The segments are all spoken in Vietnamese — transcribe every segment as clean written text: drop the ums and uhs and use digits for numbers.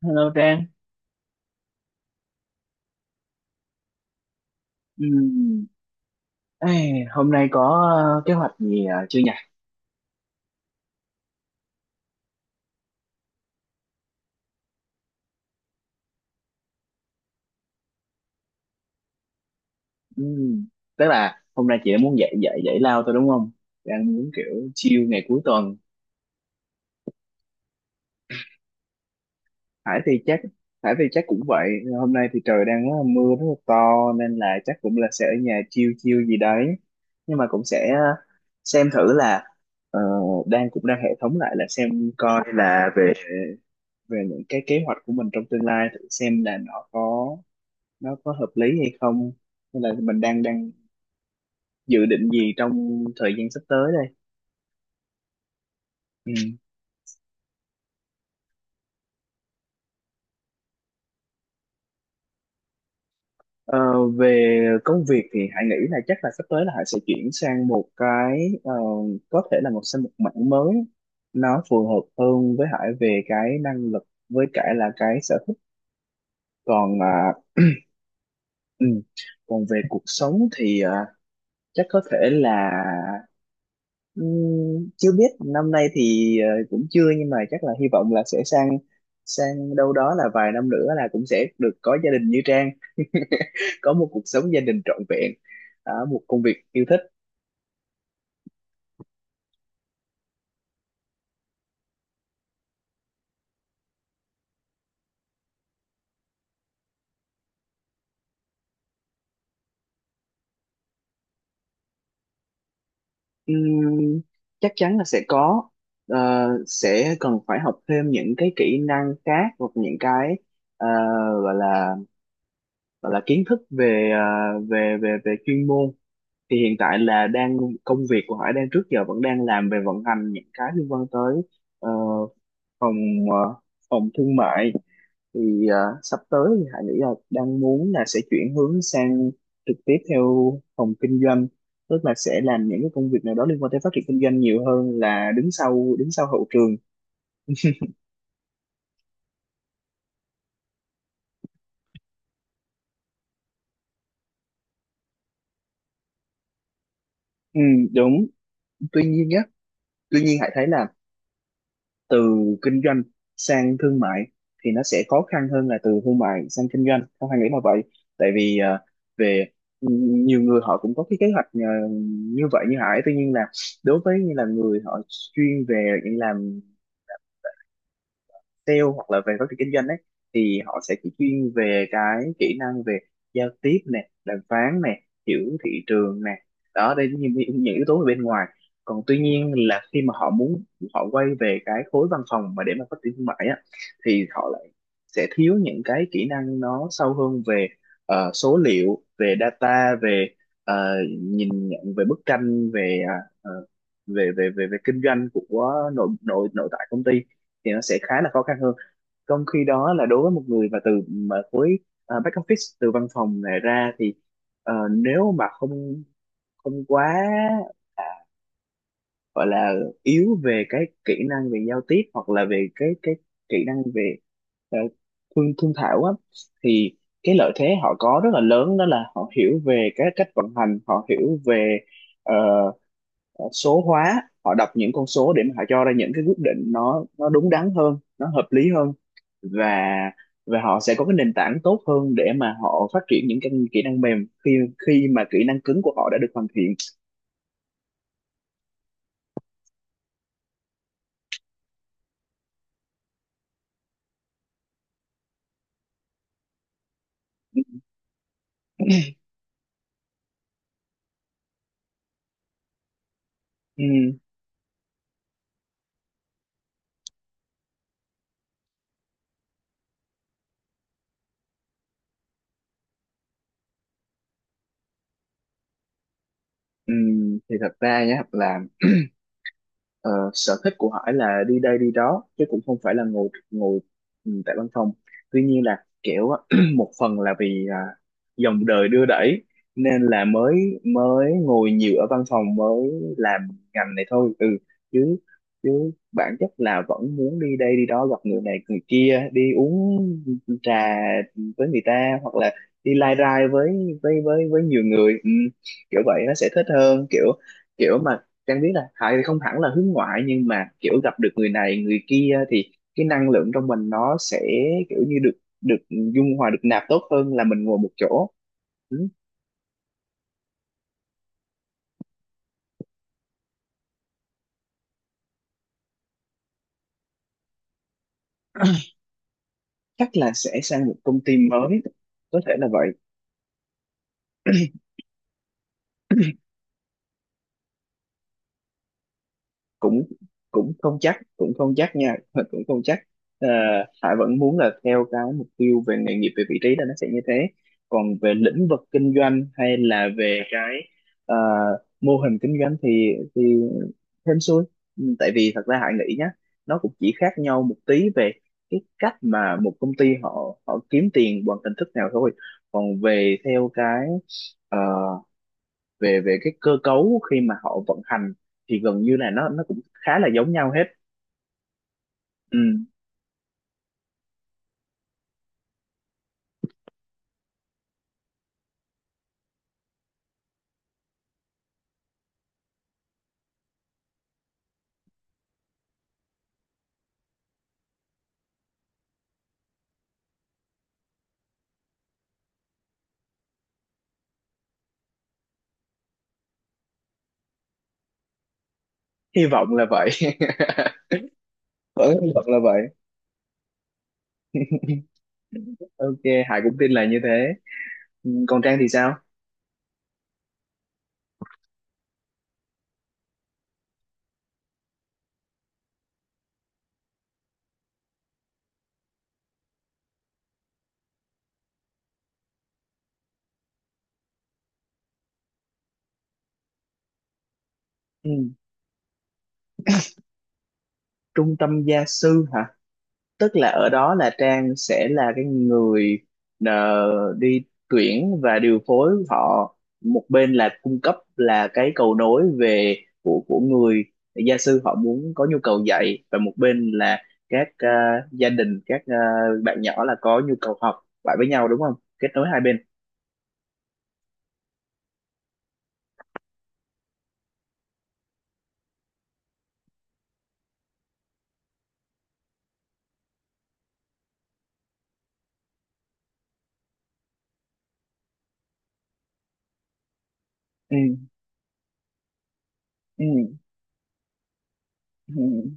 Hello Trang. Ừm, ê, Hôm nay có kế hoạch gì chưa nhỉ? Ừm, Tức là hôm nay chị đã muốn dạy dạy dạy lao tôi đúng không? Đang muốn kiểu chill ngày cuối tuần. Hải thì chắc Hải thì chắc cũng vậy. Hôm nay thì trời đang rất là mưa rất là to, nên là chắc cũng là sẽ ở nhà chill chill gì đấy. Nhưng mà cũng sẽ xem thử là ờ, đang cũng đang hệ thống lại là xem coi là về về những cái kế hoạch của mình trong tương lai, thử xem là nó có hợp lý hay không, hay là mình đang đang dự định gì trong thời gian sắp tới đây. Ừ. Ờ, về công việc thì Hải nghĩ là chắc là sắp tới là Hải sẽ chuyển sang một cái, có thể là sang một mảng mới, nó phù hợp hơn với Hải về cái năng lực với cả là cái sở thích. còn à, ừ, Còn về cuộc sống thì, chắc có thể là, chưa biết năm nay thì cũng chưa, nhưng mà chắc là hy vọng là sẽ sang sang đâu đó là vài năm nữa là cũng sẽ được có gia đình như Trang, có một cuộc sống gia đình trọn vẹn ở một công việc yêu thích. Ừm, Chắc chắn là sẽ có. Ờ, sẽ cần phải học thêm những cái kỹ năng khác, hoặc những cái ờ, gọi là gọi là kiến thức về về chuyên môn. Thì hiện tại là đang, công việc của Hải đang trước giờ vẫn đang làm về vận hành những cái liên quan tới ờ, phòng, ờ, phòng thương mại. Thì sắp tới thì Hải nghĩ là đang muốn là sẽ chuyển hướng sang trực tiếp theo phòng kinh doanh, tức là sẽ làm những cái công việc nào đó liên quan tới phát triển kinh doanh nhiều hơn là đứng sau hậu trường. Ừ, đúng. Tuy nhiên nhé, tuy nhiên Hải thấy là từ kinh doanh sang thương mại thì nó sẽ khó khăn hơn là từ thương mại sang kinh doanh, không hay nghĩ là vậy. Tại vì ờ, về nhiều người họ cũng có cái kế hoạch như vậy như Hải, tuy nhiên là đối với như là người họ chuyên về những làm sale hoặc là về phát triển kinh doanh ấy, thì họ sẽ chỉ chuyên về cái kỹ năng về giao tiếp nè, đàm phán nè, hiểu thị trường nè. Đó, đây là những yếu tố ở bên ngoài. Còn tuy nhiên là khi mà họ muốn họ quay về cái khối văn phòng mà để mà phát triển thương mại á, thì họ lại sẽ thiếu những cái kỹ năng nó sâu hơn về số liệu, về data, về ờ, nhìn nhận về bức tranh về ờ, về về về về kinh doanh của nội nội nội tại công ty, thì nó sẽ khá là khó khăn hơn. Trong khi đó là đối với một người mà từ mà khối back office, từ văn phòng này ra thì nếu mà không không quá gọi là yếu về cái kỹ năng về giao tiếp, hoặc là về cái kỹ năng về ờ, thương thương thảo á, thì cái lợi thế họ có rất là lớn, đó là họ hiểu về cái cách vận hành, họ hiểu về ờ, số hóa, họ đọc những con số để mà họ cho ra những cái quyết định nó đúng đắn hơn, nó hợp lý hơn. Và và họ sẽ có cái nền tảng tốt hơn để mà họ phát triển những cái kỹ năng mềm khi khi mà kỹ năng cứng của họ đã được hoàn thiện. Ừ, ừ, thì thật ra nhá là, ờ, sở thích của Hải là đi đây đi đó chứ cũng không phải là ngồi ngồi ừ, tại văn phòng. Tuy nhiên là kiểu á, một phần là vì dòng đời đưa đẩy nên là mới, mới ngồi nhiều ở văn phòng, mới làm ngành này thôi. Ừ, chứ chứ bản chất là vẫn muốn đi đây đi đó, gặp người này người kia, đi uống trà với người ta, hoặc là đi lai rai với với nhiều người. Ừ, kiểu vậy nó sẽ thích hơn kiểu kiểu mà, Trang biết là Hải thì không hẳn là hướng ngoại, nhưng mà kiểu gặp được người này người kia thì cái năng lượng trong mình nó sẽ kiểu như được được dung hòa, được nạp tốt hơn là mình ngồi một chỗ. Ừ. Chắc là sẽ sang một công ty mới, có thể là vậy. Cũng cũng không chắc cũng không chắc nha. Cũng không chắc. Ờ, Hải vẫn muốn là theo cái mục tiêu về nghề nghiệp, về vị trí là nó sẽ như thế. Còn về lĩnh vực kinh doanh hay là về cái ờ, mô hình kinh doanh thì hên xui. Ừ, tại vì thật ra Hải nghĩ nhá, nó cũng chỉ khác nhau một tí về cái cách mà một công ty họ họ kiếm tiền bằng hình thức nào thôi. Còn về theo cái ờ, về về cái cơ cấu khi mà họ vận hành thì gần như là nó cũng khá là giống nhau hết. Ừ, hy vọng là vậy. Vẫn hy vọng là vậy. Ok, Hải cũng tin là như thế. Ừ, còn Trang thì sao? Ừ, trung tâm gia sư hả? Tức là ở đó là Trang sẽ là cái người ờ, đi tuyển và điều phối họ, một bên là cung cấp là cái cầu nối về của người gia sư họ muốn có nhu cầu dạy, và một bên là các gia đình, các bạn nhỏ là có nhu cầu học lại với nhau, đúng không, kết nối hai bên. Ừ, ừ, ừ,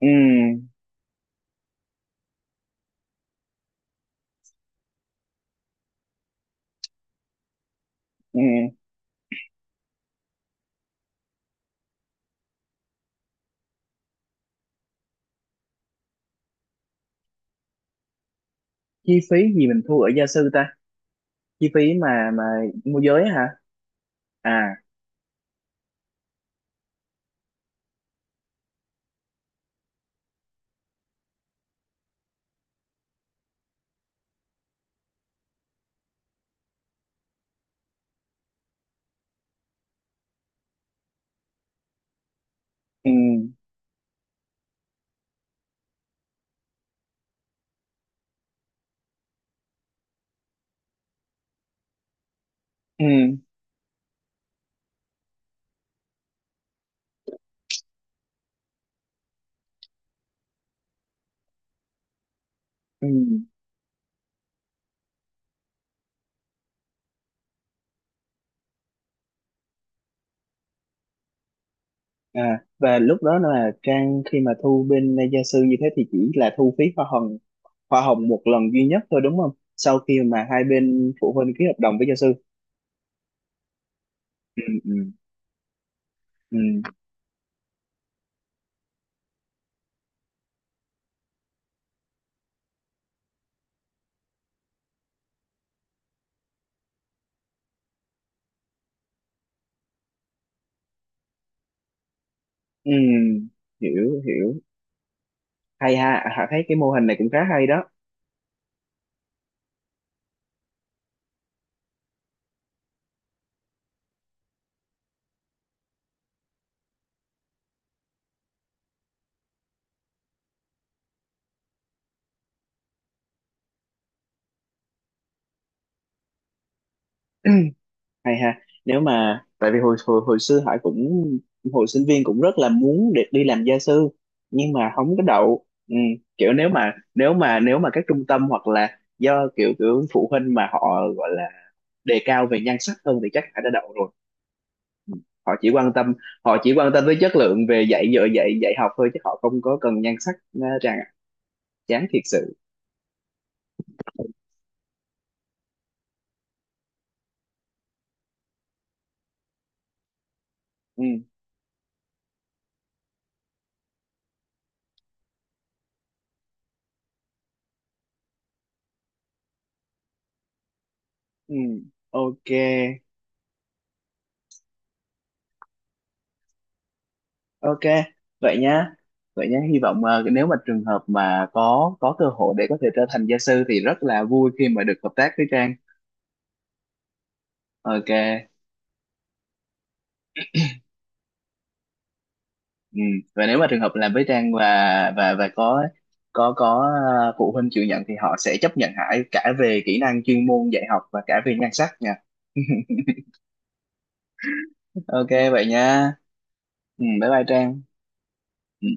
ừ, ừ. Chi phí gì mình thu ở gia sư ta? Chi phí mà môi giới hả? À, ừ, ừ, ừ. À, và lúc đó là Trang khi mà thu bên gia sư như thế thì chỉ là thu phí hoa hồng, hoa hồng một lần duy nhất thôi đúng không? Sau khi mà hai bên phụ huynh ký hợp đồng với gia sư. Ừ, ừ, ừ, ừ, hiểu hiểu. Hay ha, Hạ thấy cái mô hình này cũng khá hay đó. Hay ha. Nếu mà, tại vì hồi hồi, hồi xưa Hải cũng hồi sinh viên cũng rất là muốn để đi làm gia sư, nhưng mà không có đậu. Ừ, kiểu nếu mà các trung tâm, hoặc là do kiểu kiểu phụ huynh mà họ gọi là đề cao về nhan sắc hơn thì chắc Hải đã đậu rồi. họ chỉ quan tâm Họ chỉ quan tâm tới chất lượng về dạy dỗ dạy dạy học thôi, chứ họ không có cần nhan sắc. Nó rằng chán thiệt sự. Ừ, ừ, ok. Ok vậy nhá, vậy nhá, hy vọng nếu mà trường hợp mà có cơ hội để có thể trở thành gia sư, thì rất là vui khi mà được hợp tác với Trang. Ok. Ừ, và nếu mà trường hợp làm với Trang và có phụ huynh chịu nhận, thì họ sẽ chấp nhận Hải cả về kỹ năng chuyên môn dạy học và cả về nhan sắc. Ok vậy nha. Ừ, bye bye Trang. Ừ.